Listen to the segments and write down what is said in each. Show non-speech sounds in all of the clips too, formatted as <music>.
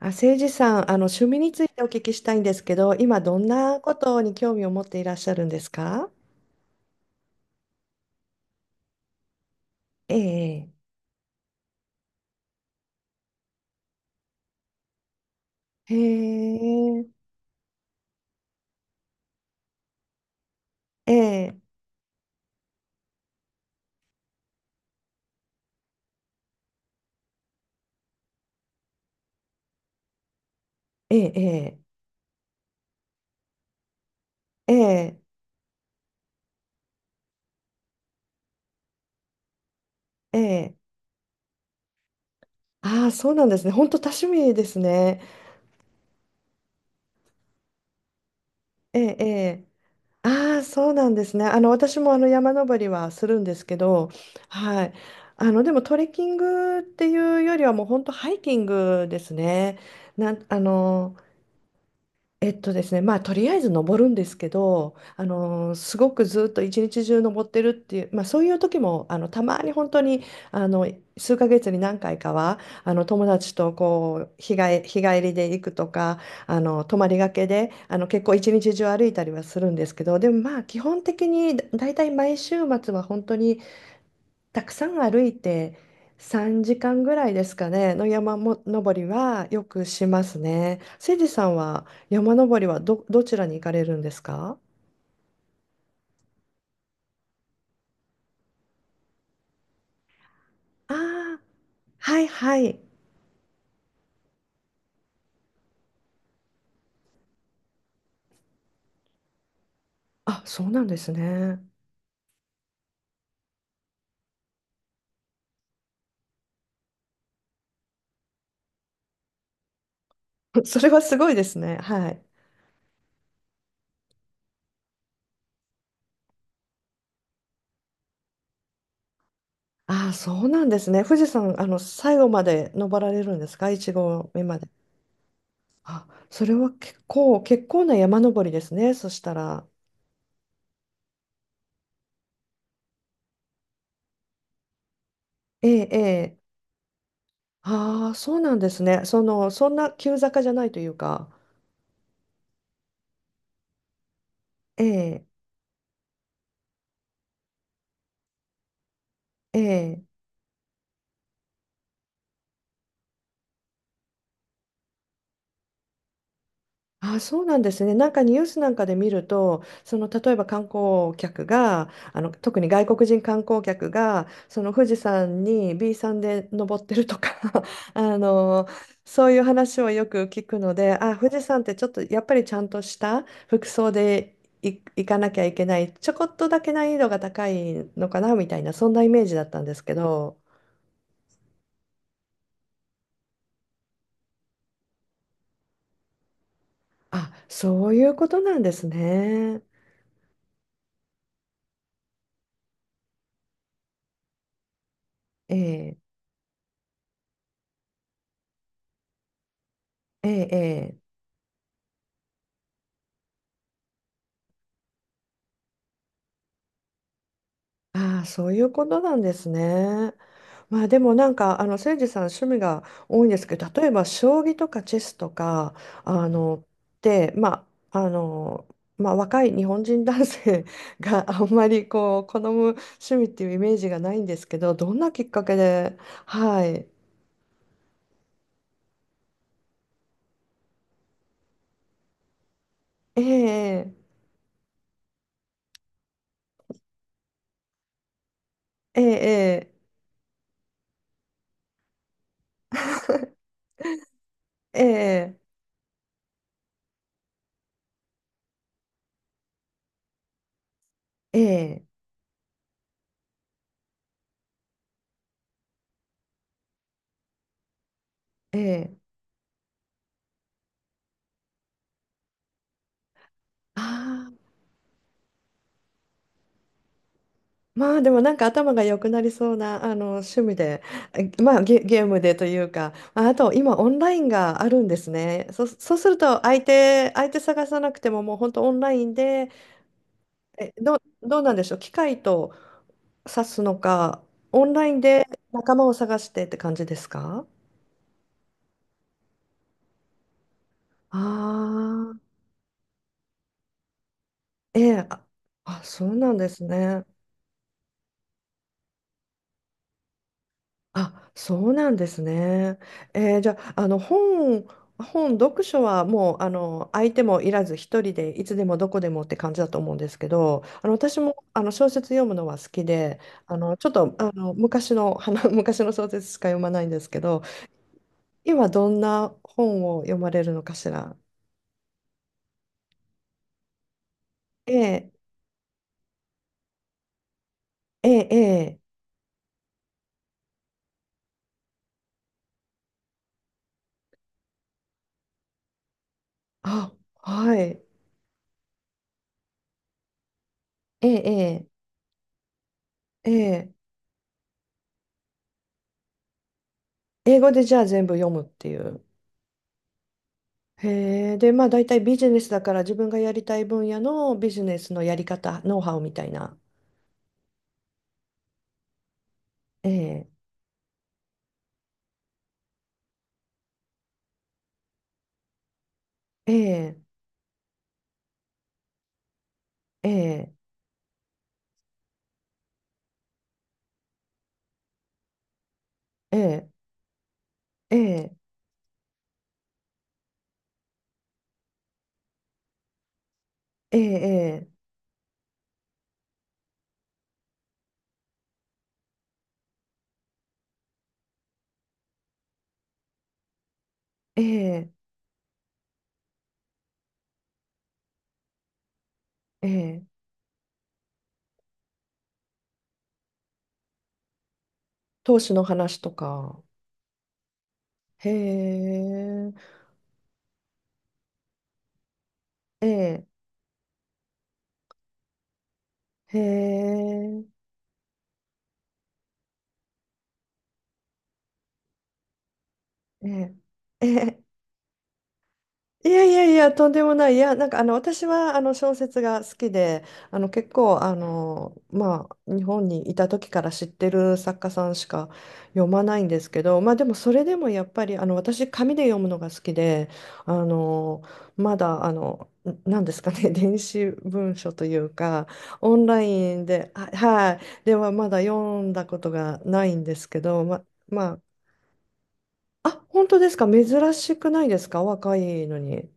あ、誠司さん、趣味についてお聞きしたいんですけど、今どんなことに興味を持っていらっしゃるんですか？ええ。へえ。ええ。ええ。ええ。ええ。ああ、そうなんですね。本当多趣味ですね。ええ。ええ。ああ、そうなんですね。私も山登りはするんですけど、はい。でもトレッキングっていうよりはもう本当ハイキングですね。なん、あの、えっとですね、まあ、とりあえず登るんですけど、すごくずっと一日中登ってるっていう、まあ、そういう時もたまに本当にあの数ヶ月に何回かは友達とこう日帰りで行くとか泊まりがけで結構一日中歩いたりはするんですけど、でもまあ基本的にだいたい毎週末は本当にたくさん歩いて3時間ぐらいですかね、の山も登りはよくしますね。せいじさんは山登りはどちらに行かれるんですか？ああ、はいはい。あ、そうなんですね。<laughs> それはすごいですね。はい。ああ、そうなんですね。富士山、最後まで登られるんですか、一合目まで。あ、それは結構、結構な山登りですね。そしたら。ええ、ええ。ああ、そうなんですね。その、そんな急坂じゃないというか。ええ、ええ。あ、そうなんですね。なんかニュースなんかで見ると、その例えば観光客が、特に外国人観光客が、その富士山に B さんで登ってるとか、 <laughs> あの、そういう話をよく聞くので、あ、富士山ってちょっとやっぱりちゃんとした服装で行かなきゃいけない、ちょこっとだけ難易度が高いのかなみたいな、そんなイメージだったんですけど、あ、そういうことなんですね。ええ、ええ、ええ。ああ、そういうことなんですね。まあでもなんか、誠司さん趣味が多いんですけど、例えば将棋とかチェスとか、あの、で、まあ、あの、まあ若い日本人男性 <laughs> があんまりこう、好む趣味っていうイメージがないんですけど、どんなきっかけで、はい。えええ。ええ。ええ。ええ。ええ。ええ。ああ、まあでもなんか頭が良くなりそうな趣味で、まあゲームでというか、まああと今オンラインがあるんですね。そうすると相手探さなくてももう本当オンラインで、え、どうなんでしょう、機械と指すのか、オンラインで仲間を探してって感じですか？ああー、ええ、あ、あ、そうなんですね。あ、そうなんですね。えー、じゃあ、本、読書はもう相手もいらず一人でいつでもどこでもって感じだと思うんですけど、私も小説読むのは好きで、ちょっと昔の、<laughs> 昔の小説しか読まないんですけど、今どんな本を読まれるのかしら。ええ。ええ。ええ。あ、はい。ええ。ええ。ええ。英語でじゃあ全部読むっていう。へえ、で、まあ大体ビジネスだから自分がやりたい分野のビジネスのやり方、ノウハウみたいな。ええ、ええ、ええ、ええ、ええ、ええ、ええ、ええ。投資の話とか。へえ、ええ、へえ、ええ、ええ。いやいやいや、とんでもない。いや、なんか私は小説が好きで、結構まあ、日本にいた時から知ってる作家さんしか読まないんですけど、まあ、でもそれでもやっぱり私、紙で読むのが好きで、あのまだあの、なんですかね、<laughs> 電子文書というか、オンラインで、あ、はい、ではまだ読んだことがないんですけど、まあ、本当ですか、珍しくないですか、若いのに。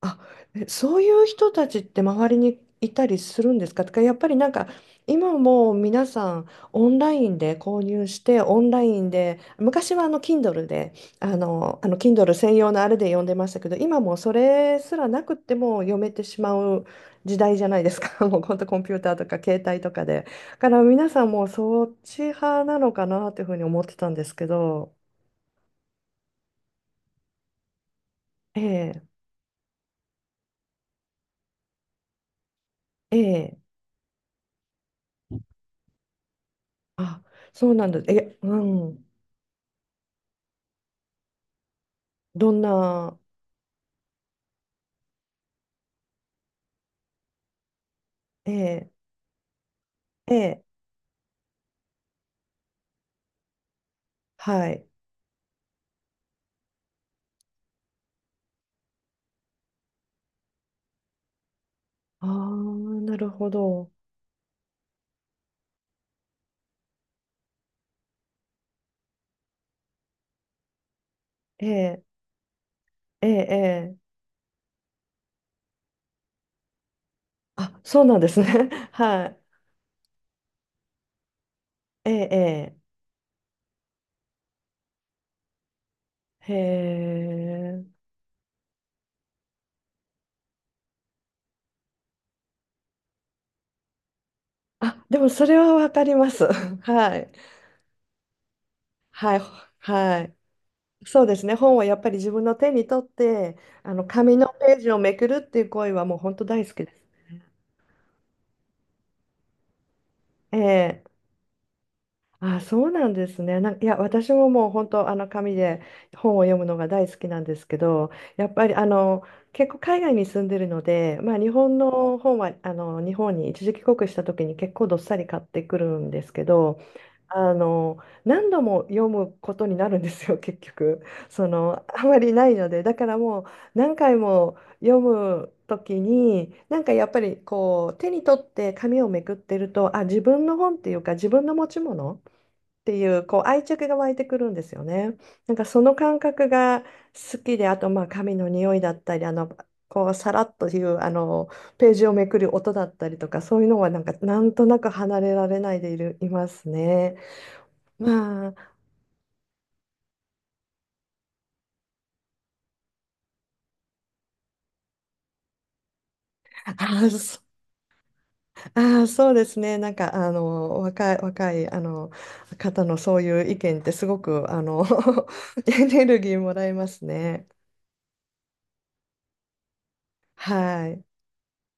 あ、え、そういう人たちって周りにいたりするんですかとか、やっぱりなんか今もう皆さんオンラインで購入してオンラインで昔はKindle で、あの Kindle 専用のあれで読んでましたけど今もうそれすらなくっても読めてしまう時代じゃないですか。 <laughs> もう本当コンピューターとか携帯とかでだから皆さんもうそっち派なのかなというふうに思ってたんですけど、ええ、ええ、あ、そうなんだ、え、うん、どんな？ええ、ええ、はい。ああ、なるほど。ええ、ええ、ええ。あ、そうなんですね。<laughs> はい。ええ、ええ。へえ。あ、でもそれはわかります。<laughs> はい。はい。はい。そうですね。本はやっぱり自分の手に取って、紙のページをめくるっていう行為はもう本当大好きです。ええ。あ、そうなんですね。なんか、いや、私ももう本当、紙で本を読むのが大好きなんですけど、やっぱり結構海外に住んでるので、まあ、日本の本は日本に一時帰国した時に結構どっさり買ってくるんですけど、あの何度も読むことになるんですよ、結局。そのあまりないので、だからもう何回も読む時になんかやっぱりこう手に取って紙をめくってると、あ、自分の本っていうか自分の持ち物っていう、こう愛着が湧いてくるんですよね。なんかその感覚が好きで、あとまあ髪の匂いだったり、こうさらっというあのページをめくる音だったりとか、そういうのはなんかなんとなく離れられないでいますね。まあ、あー、そあー、そうですね。なんか若い方のそういう意見ってすごく<laughs> エネルギーもらえますね。はい。